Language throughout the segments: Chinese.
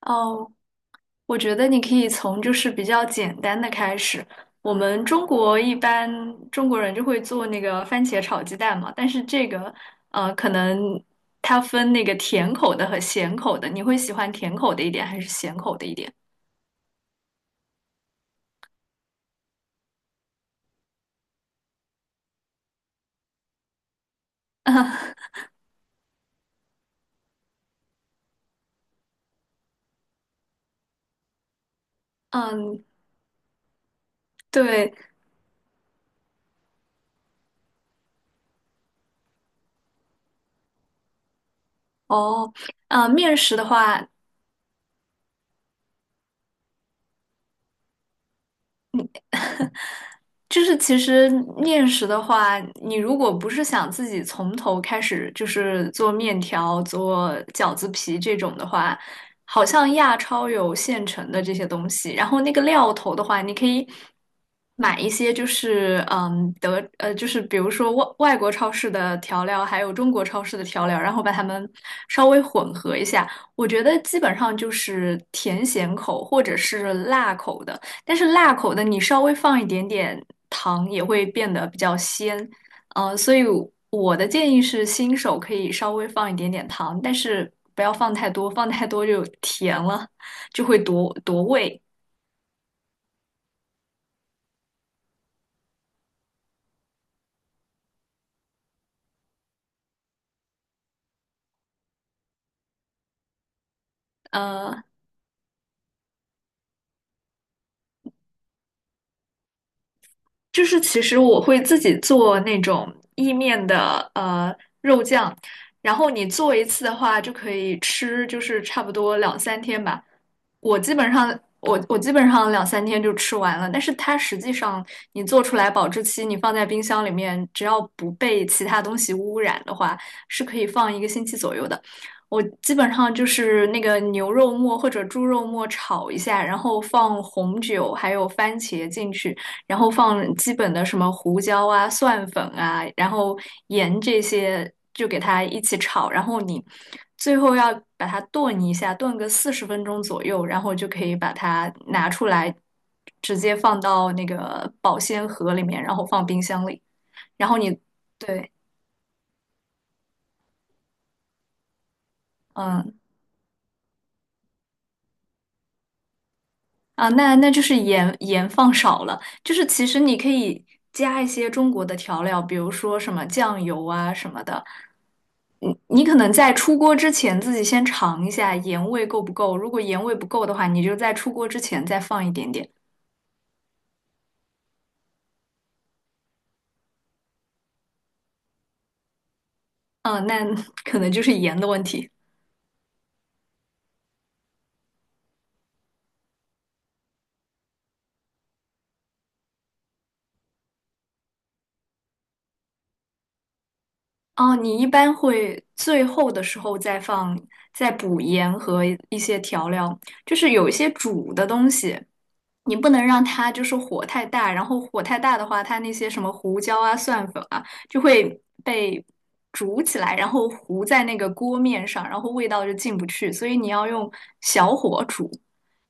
哦，我觉得你可以从就是比较简单的开始。我们中国一般中国人就会做那个番茄炒鸡蛋嘛，但是这个可能它分那个甜口的和咸口的，你会喜欢甜口的一点还是咸口的一点？嗯，对，哦，面食的话，就是其实面食的话，你如果不是想自己从头开始，就是做面条、做饺子皮这种的话，好像亚超有现成的这些东西。然后那个料头的话，你可以买一些，就是嗯德呃，就是比如说外国超市的调料，还有中国超市的调料，然后把它们稍微混合一下。我觉得基本上就是甜咸口或者是辣口的。但是辣口的你稍微放一点点糖也会变得比较鲜，所以我的建议是新手可以稍微放一点点糖，但是不要放太多，放太多就甜了，就会夺味。呃，就是其实我会自己做那种意面的肉酱，然后你做一次的话就可以吃，就是差不多两三天吧。我基本上我基本上两三天就吃完了，但是它实际上你做出来保质期，你放在冰箱里面，只要不被其他东西污染的话，是可以放一个星期左右的。我基本上就是那个牛肉末或者猪肉末炒一下，然后放红酒还有番茄进去。然后放基本的什么胡椒啊、蒜粉啊，然后盐这些就给它一起炒，然后你最后要把它炖一下，炖个四十分钟左右，然后就可以把它拿出来，直接放到那个保鲜盒里面，然后放冰箱里。然后你，对，嗯，啊，那那就是盐放少了，就是其实你可以加一些中国的调料，比如说什么酱油啊什么的。你可能在出锅之前自己先尝一下盐味够不够，如果盐味不够的话，你就在出锅之前再放一点点。嗯，那 可能就是盐的问题。哦，你一般会最后的时候再放，再补盐和一些调料，就是有一些煮的东西。你不能让它就是火太大，然后火太大的话，它那些什么胡椒啊、蒜粉啊，就会被煮起来，然后糊在那个锅面上，然后味道就进不去，所以你要用小火煮，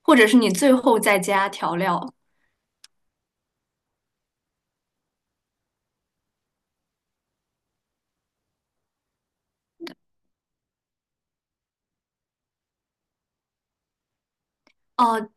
或者是你最后再加调料。哦、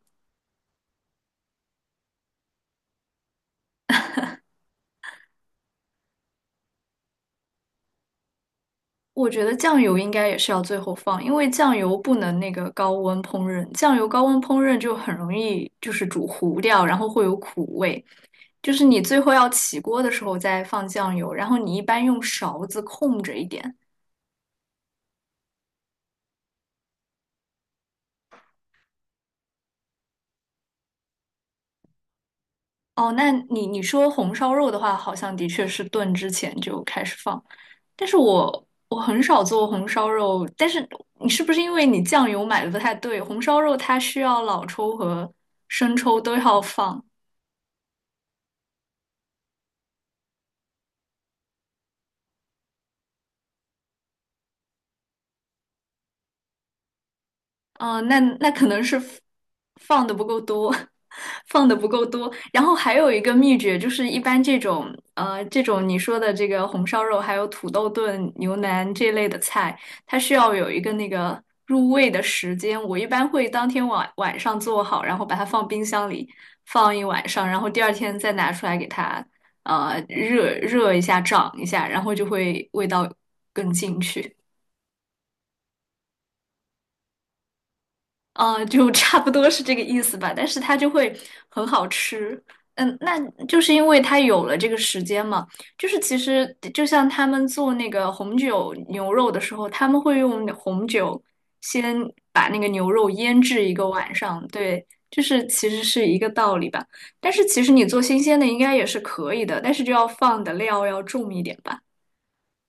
我觉得酱油应该也是要最后放，因为酱油不能那个高温烹饪，酱油高温烹饪就很容易就是煮糊掉，然后会有苦味。就是你最后要起锅的时候再放酱油，然后你一般用勺子控着一点。哦，那你你说红烧肉的话，好像的确是炖之前就开始放，但是我很少做红烧肉，但是你是不是因为你酱油买的不太对？红烧肉它需要老抽和生抽都要放，哦，那那可能是 放的不够多，放的不够多。然后还有一个秘诀，就是一般这种你说的这个红烧肉，还有土豆炖牛腩这类的菜，它需要有一个那个入味的时间。我一般会当天晚上做好，然后把它放冰箱里放一晚上，然后第二天再拿出来给它热一下，涨一下，然后就会味道更进去。啊，就差不多是这个意思吧，但是它就会很好吃。嗯，那就是因为它有了这个时间嘛，就是其实就像他们做那个红酒牛肉的时候，他们会用红酒先把那个牛肉腌制一个晚上，对，就是其实是一个道理吧。但是其实你做新鲜的应该也是可以的，但是就要放的料要重一点吧。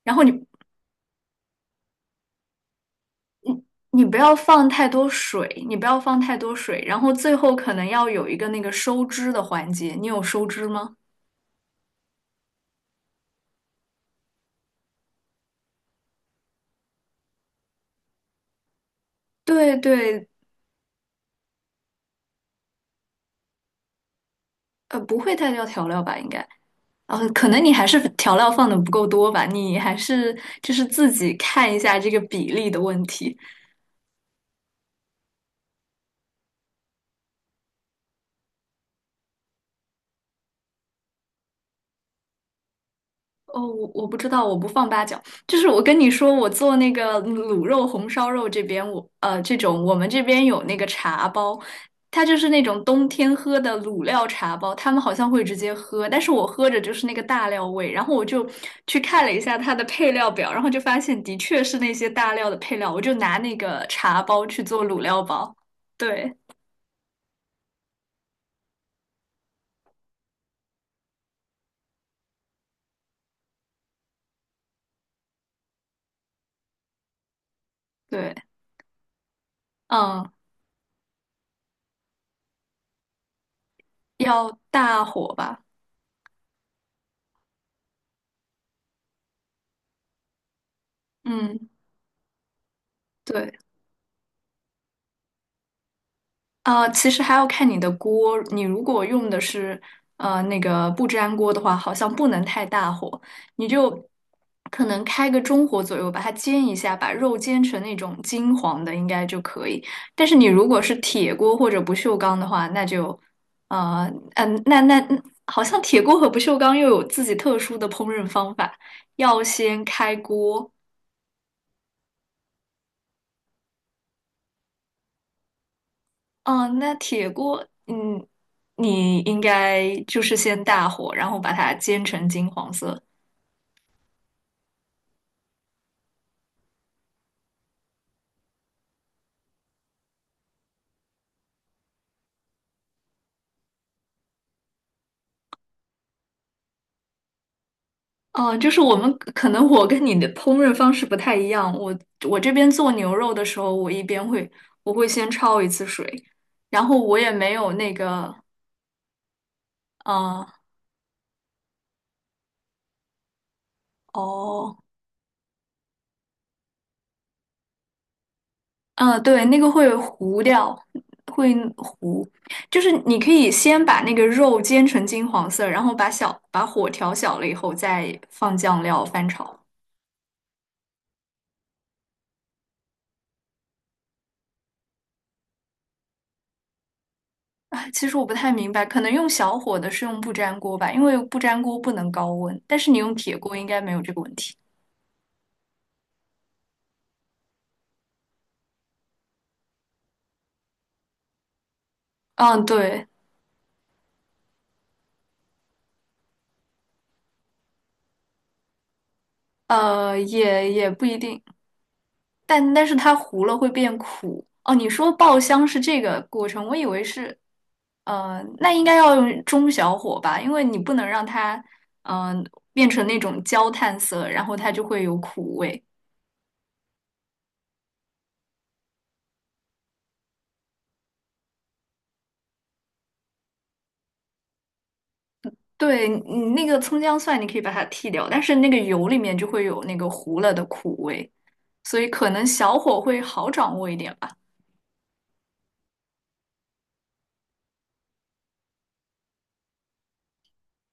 然后你不要放太多水，你不要放太多水，然后最后可能要有一个那个收汁的环节。你有收汁吗？对对，不会太掉调料吧？应该，可能你还是调料放的不够多吧，你还是就是自己看一下这个比例的问题。哦，我不知道，我不放八角。就是我跟你说，我做那个卤肉、红烧肉这边，我这种我们这边有那个茶包，它就是那种冬天喝的卤料茶包，他们好像会直接喝，但是我喝着就是那个大料味。然后我就去看了一下它的配料表，然后就发现的确是那些大料的配料，我就拿那个茶包去做卤料包。对对，嗯，要大火吧，嗯。对。其实还要看你的锅。你如果用的是那个不粘锅的话，好像不能太大火，你就可能开个中火左右，把它煎一下，把肉煎成那种金黄的，应该就可以。但是你如果是铁锅或者不锈钢的话，那就呃嗯、那那那好像铁锅和不锈钢又有自己特殊的烹饪方法，要先开锅，哦，那铁锅，嗯，你应该就是先大火，然后把它煎成金黄色。哦，就是我们可能我跟你的烹饪方式不太一样，我我这边做牛肉的时候，我会先焯一次水，然后我也没有那个，嗯，哦，嗯，对，那个会糊掉，会糊，就是你可以先把那个肉煎成金黄色，然后把火调小了以后再放酱料翻炒。啊，其实我不太明白，可能用小火的是用不粘锅吧，因为不粘锅不能高温，但是你用铁锅应该没有这个问题。嗯，对，也也不一定，但但是它糊了会变苦。哦，你说爆香是这个过程，我以为是，那应该要用中小火吧，因为你不能让它，嗯、变成那种焦炭色，然后它就会有苦味。对你那个葱姜蒜，你可以把它剔掉，但是那个油里面就会有那个糊了的苦味，所以可能小火会好掌握一点吧。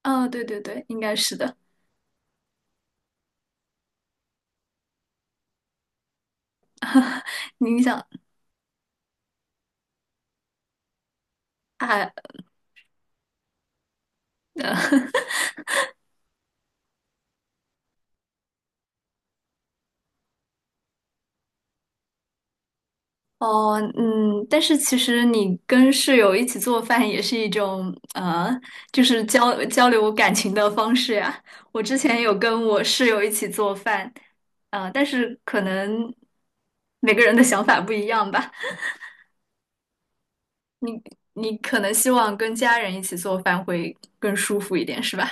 嗯、对对对，应该是的。你想，哎，哦，嗯，但是其实你跟室友一起做饭也是一种，就是交流感情的方式呀。我之前有跟我室友一起做饭，但是可能每个人的想法不一样吧。你你可能希望跟家人一起做饭会更舒服一点，是吧？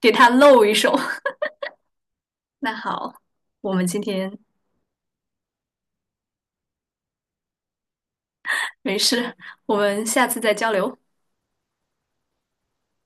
给他露一手。那好，我们今天没事，我们下次再交流。